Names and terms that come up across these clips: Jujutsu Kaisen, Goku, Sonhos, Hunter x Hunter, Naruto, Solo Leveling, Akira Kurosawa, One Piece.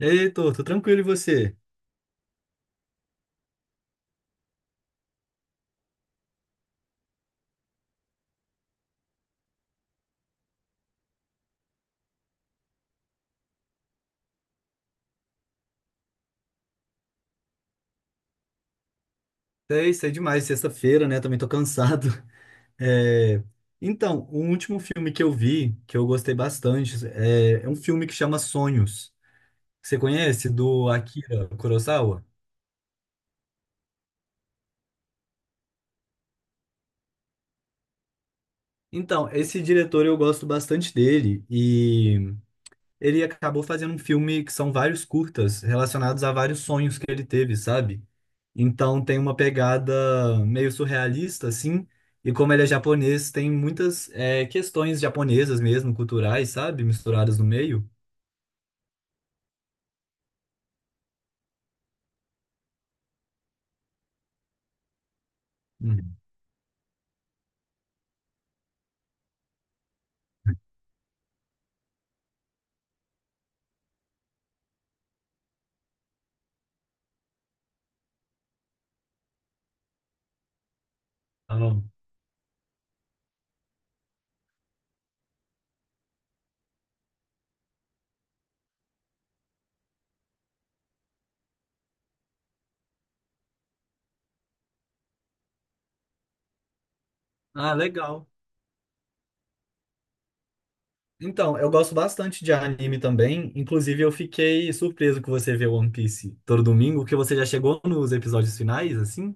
Ei, Heitor, tô tranquilo e você? Sei demais, sexta-feira, né? Também tô cansado. É. Então, o último filme que eu vi, que eu gostei bastante, é um filme que chama Sonhos. Você conhece? Do Akira Kurosawa? Então, esse diretor eu gosto bastante dele e ele acabou fazendo um filme que são vários curtas relacionados a vários sonhos que ele teve, sabe? Então tem uma pegada meio surrealista, assim. E como ele é japonês, tem muitas questões japonesas mesmo, culturais, sabe? Misturadas no meio. Uhum. Ah, ah, legal. Então, eu gosto bastante de anime também. Inclusive, eu fiquei surpreso que você vê One Piece todo domingo, que você já chegou nos episódios finais, assim.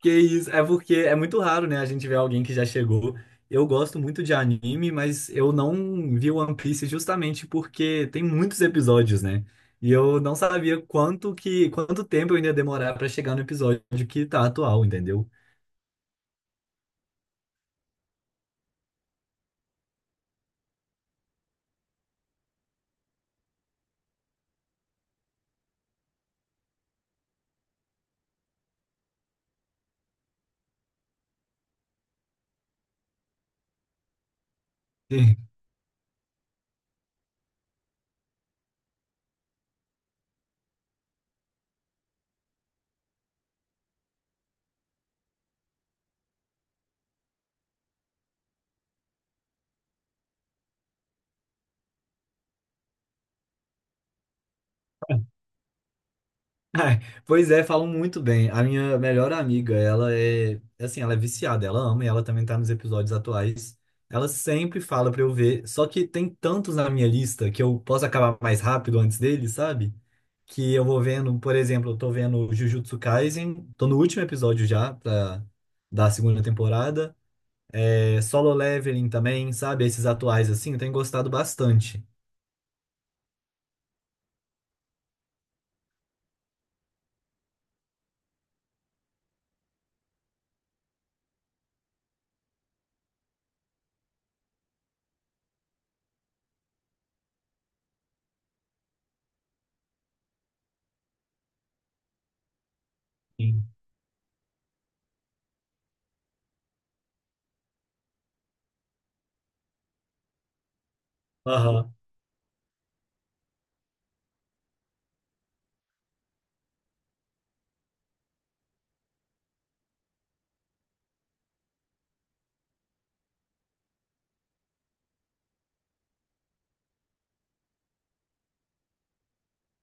Que isso, é porque é muito raro, né, a gente ver alguém que já chegou. Eu gosto muito de anime, mas eu não vi One Piece justamente porque tem muitos episódios, né? E eu não sabia quanto tempo eu ainda ia demorar pra chegar no episódio que tá atual, entendeu? Ai. Pois é, falam muito bem. A minha melhor amiga, ela é, assim, ela é viciada, ela ama e ela também tá nos episódios atuais. Ela sempre fala pra eu ver, só que tem tantos na minha lista que eu posso acabar mais rápido antes deles, sabe? Que eu vou vendo, por exemplo, eu tô vendo Jujutsu Kaisen, tô no último episódio já pra, da segunda temporada. É, Solo Leveling também, sabe? Esses atuais assim, eu tenho gostado bastante. Sim. Aham.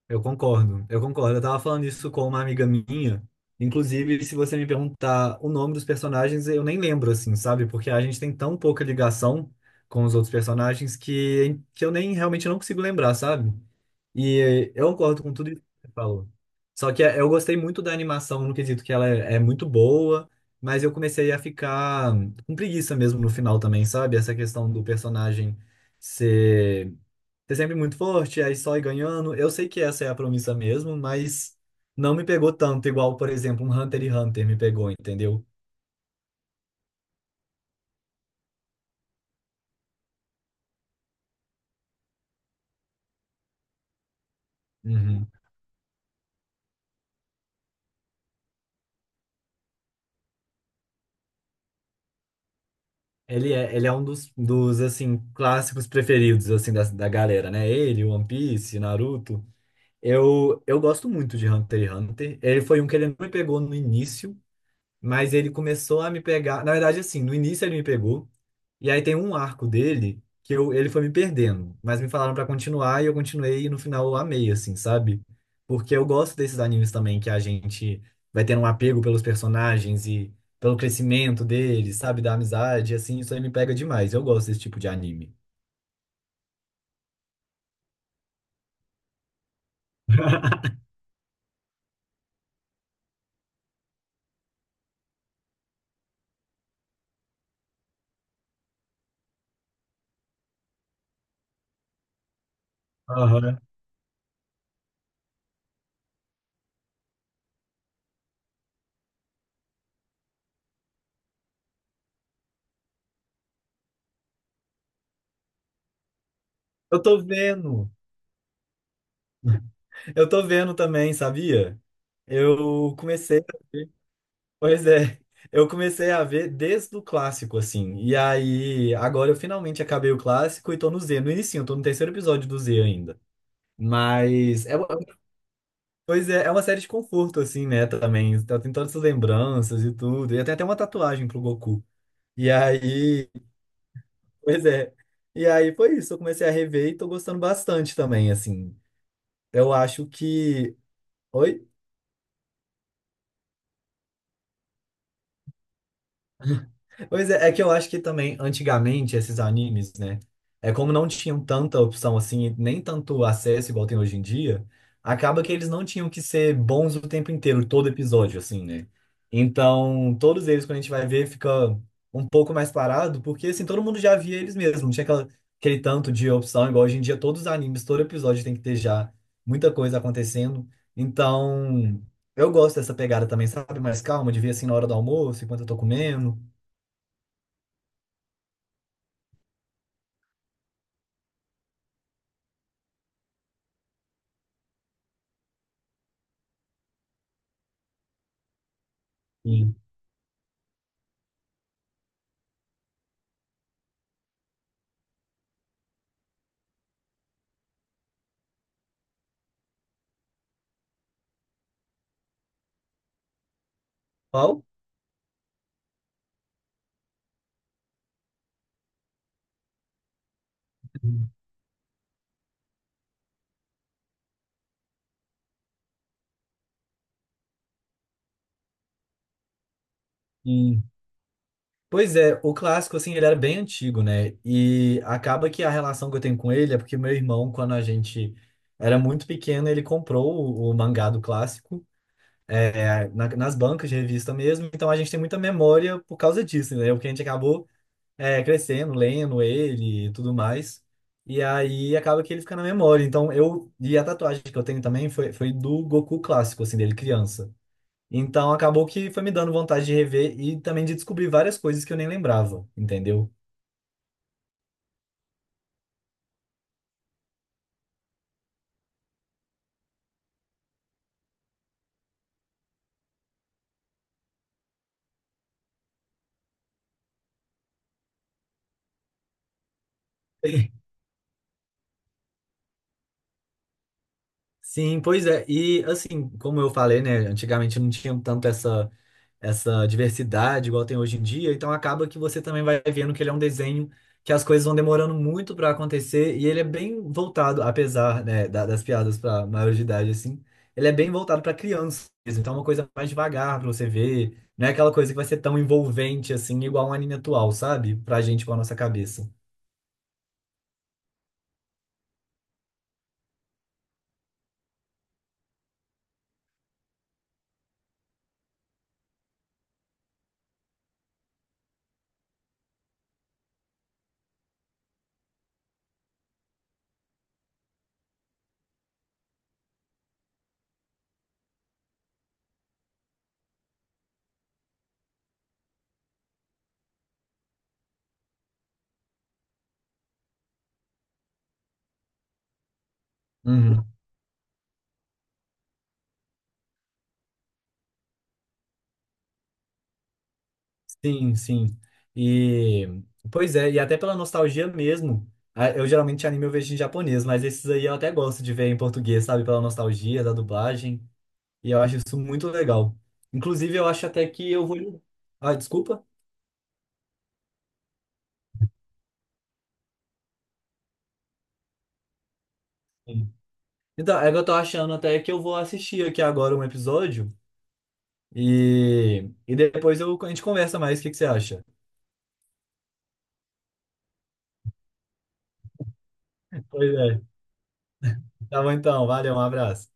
Eu concordo. Eu tava falando isso com uma amiga minha. Inclusive, se você me perguntar o nome dos personagens, eu nem lembro, assim, sabe? Porque a gente tem tão pouca ligação com os outros personagens que eu nem realmente não consigo lembrar, sabe? E eu concordo com tudo isso que você falou. Só que é, eu gostei muito da animação no quesito que ela é muito boa, mas eu comecei a ficar com preguiça mesmo no final também, sabe? Essa questão do personagem ser ser sempre muito forte, aí só ir ganhando. Eu sei que essa é a promessa mesmo, mas não me pegou tanto, igual, por exemplo, um Hunter x Hunter me pegou, entendeu? Uhum. Ele é um dos assim, clássicos preferidos, assim, da galera, né? Ele, One Piece, Naruto. Eu gosto muito de Hunter x Hunter. Ele foi um que ele não me pegou no início. Mas ele começou a me pegar. Na verdade, assim, no início ele me pegou. E aí tem um arco dele que eu, ele foi me perdendo. Mas me falaram pra continuar e eu continuei. E no final eu amei, assim, sabe? Porque eu gosto desses animes também que a gente vai tendo um apego pelos personagens e pelo crescimento deles, sabe? Da amizade, assim. Isso aí me pega demais. Eu gosto desse tipo de anime. Aham. Eu tô vendo. Eu tô vendo também, sabia? Eu comecei. Pois é, eu comecei a ver desde o clássico, assim. E aí, agora eu finalmente acabei o clássico e tô no Z, no início, eu tô no terceiro episódio do Z ainda. Mas é, uma- Pois é, é uma série de conforto, assim, né, também. Tem todas essas lembranças e tudo. E tem até uma tatuagem pro Goku. E aí, pois é. E aí foi isso, eu comecei a rever e tô gostando bastante também, assim. Eu acho que. Oi? Pois é, é que eu acho que também, antigamente, esses animes, né? É como não tinham tanta opção assim, nem tanto acesso igual tem hoje em dia, acaba que eles não tinham que ser bons o tempo inteiro, todo episódio, assim, né? Então, todos eles, quando a gente vai ver, fica um pouco mais parado, porque assim, todo mundo já via eles mesmos, não tinha aquela, aquele tanto de opção, igual hoje em dia, todos os animes, todo episódio tem que ter já muita coisa acontecendo. Então, eu gosto dessa pegada também, sabe? Mais calma, de ver assim na hora do almoço, enquanto eu tô comendo. Qual? Sim. Pois é, o clássico, assim, ele era bem antigo, né? E acaba que a relação que eu tenho com ele é porque meu irmão, quando a gente era muito pequeno, ele comprou o mangá do clássico, é, nas bancas de revista mesmo. Então a gente tem muita memória por causa disso, né? Porque a gente acabou, é, crescendo, lendo ele e tudo mais. E aí acaba que ele fica na memória. Então eu. E a tatuagem que eu tenho também foi do Goku clássico, assim, dele criança. Então acabou que foi me dando vontade de rever e também de descobrir várias coisas que eu nem lembrava, entendeu? Sim, pois é. E assim, como eu falei, né, antigamente não tinha tanto essa essa diversidade igual tem hoje em dia, então acaba que você também vai vendo que ele é um desenho que as coisas vão demorando muito para acontecer e ele é bem voltado, apesar, né, das piadas para maior de idade assim, ele é bem voltado para crianças, então é uma coisa mais devagar para você ver, não é aquela coisa que vai ser tão envolvente assim igual um anime atual, sabe? Pra gente com a nossa cabeça. Uhum. Sim. E pois é, e até pela nostalgia mesmo. Eu geralmente anime eu vejo em japonês, mas esses aí eu até gosto de ver em português, sabe? Pela nostalgia da dublagem. E eu acho isso muito legal. Inclusive, eu acho até que eu vou. Ah, desculpa. Sim. Então, é que eu tô achando até que eu vou assistir aqui agora um episódio e depois eu... a gente conversa mais. O que que você acha? Pois é. Tá bom então, valeu, um abraço.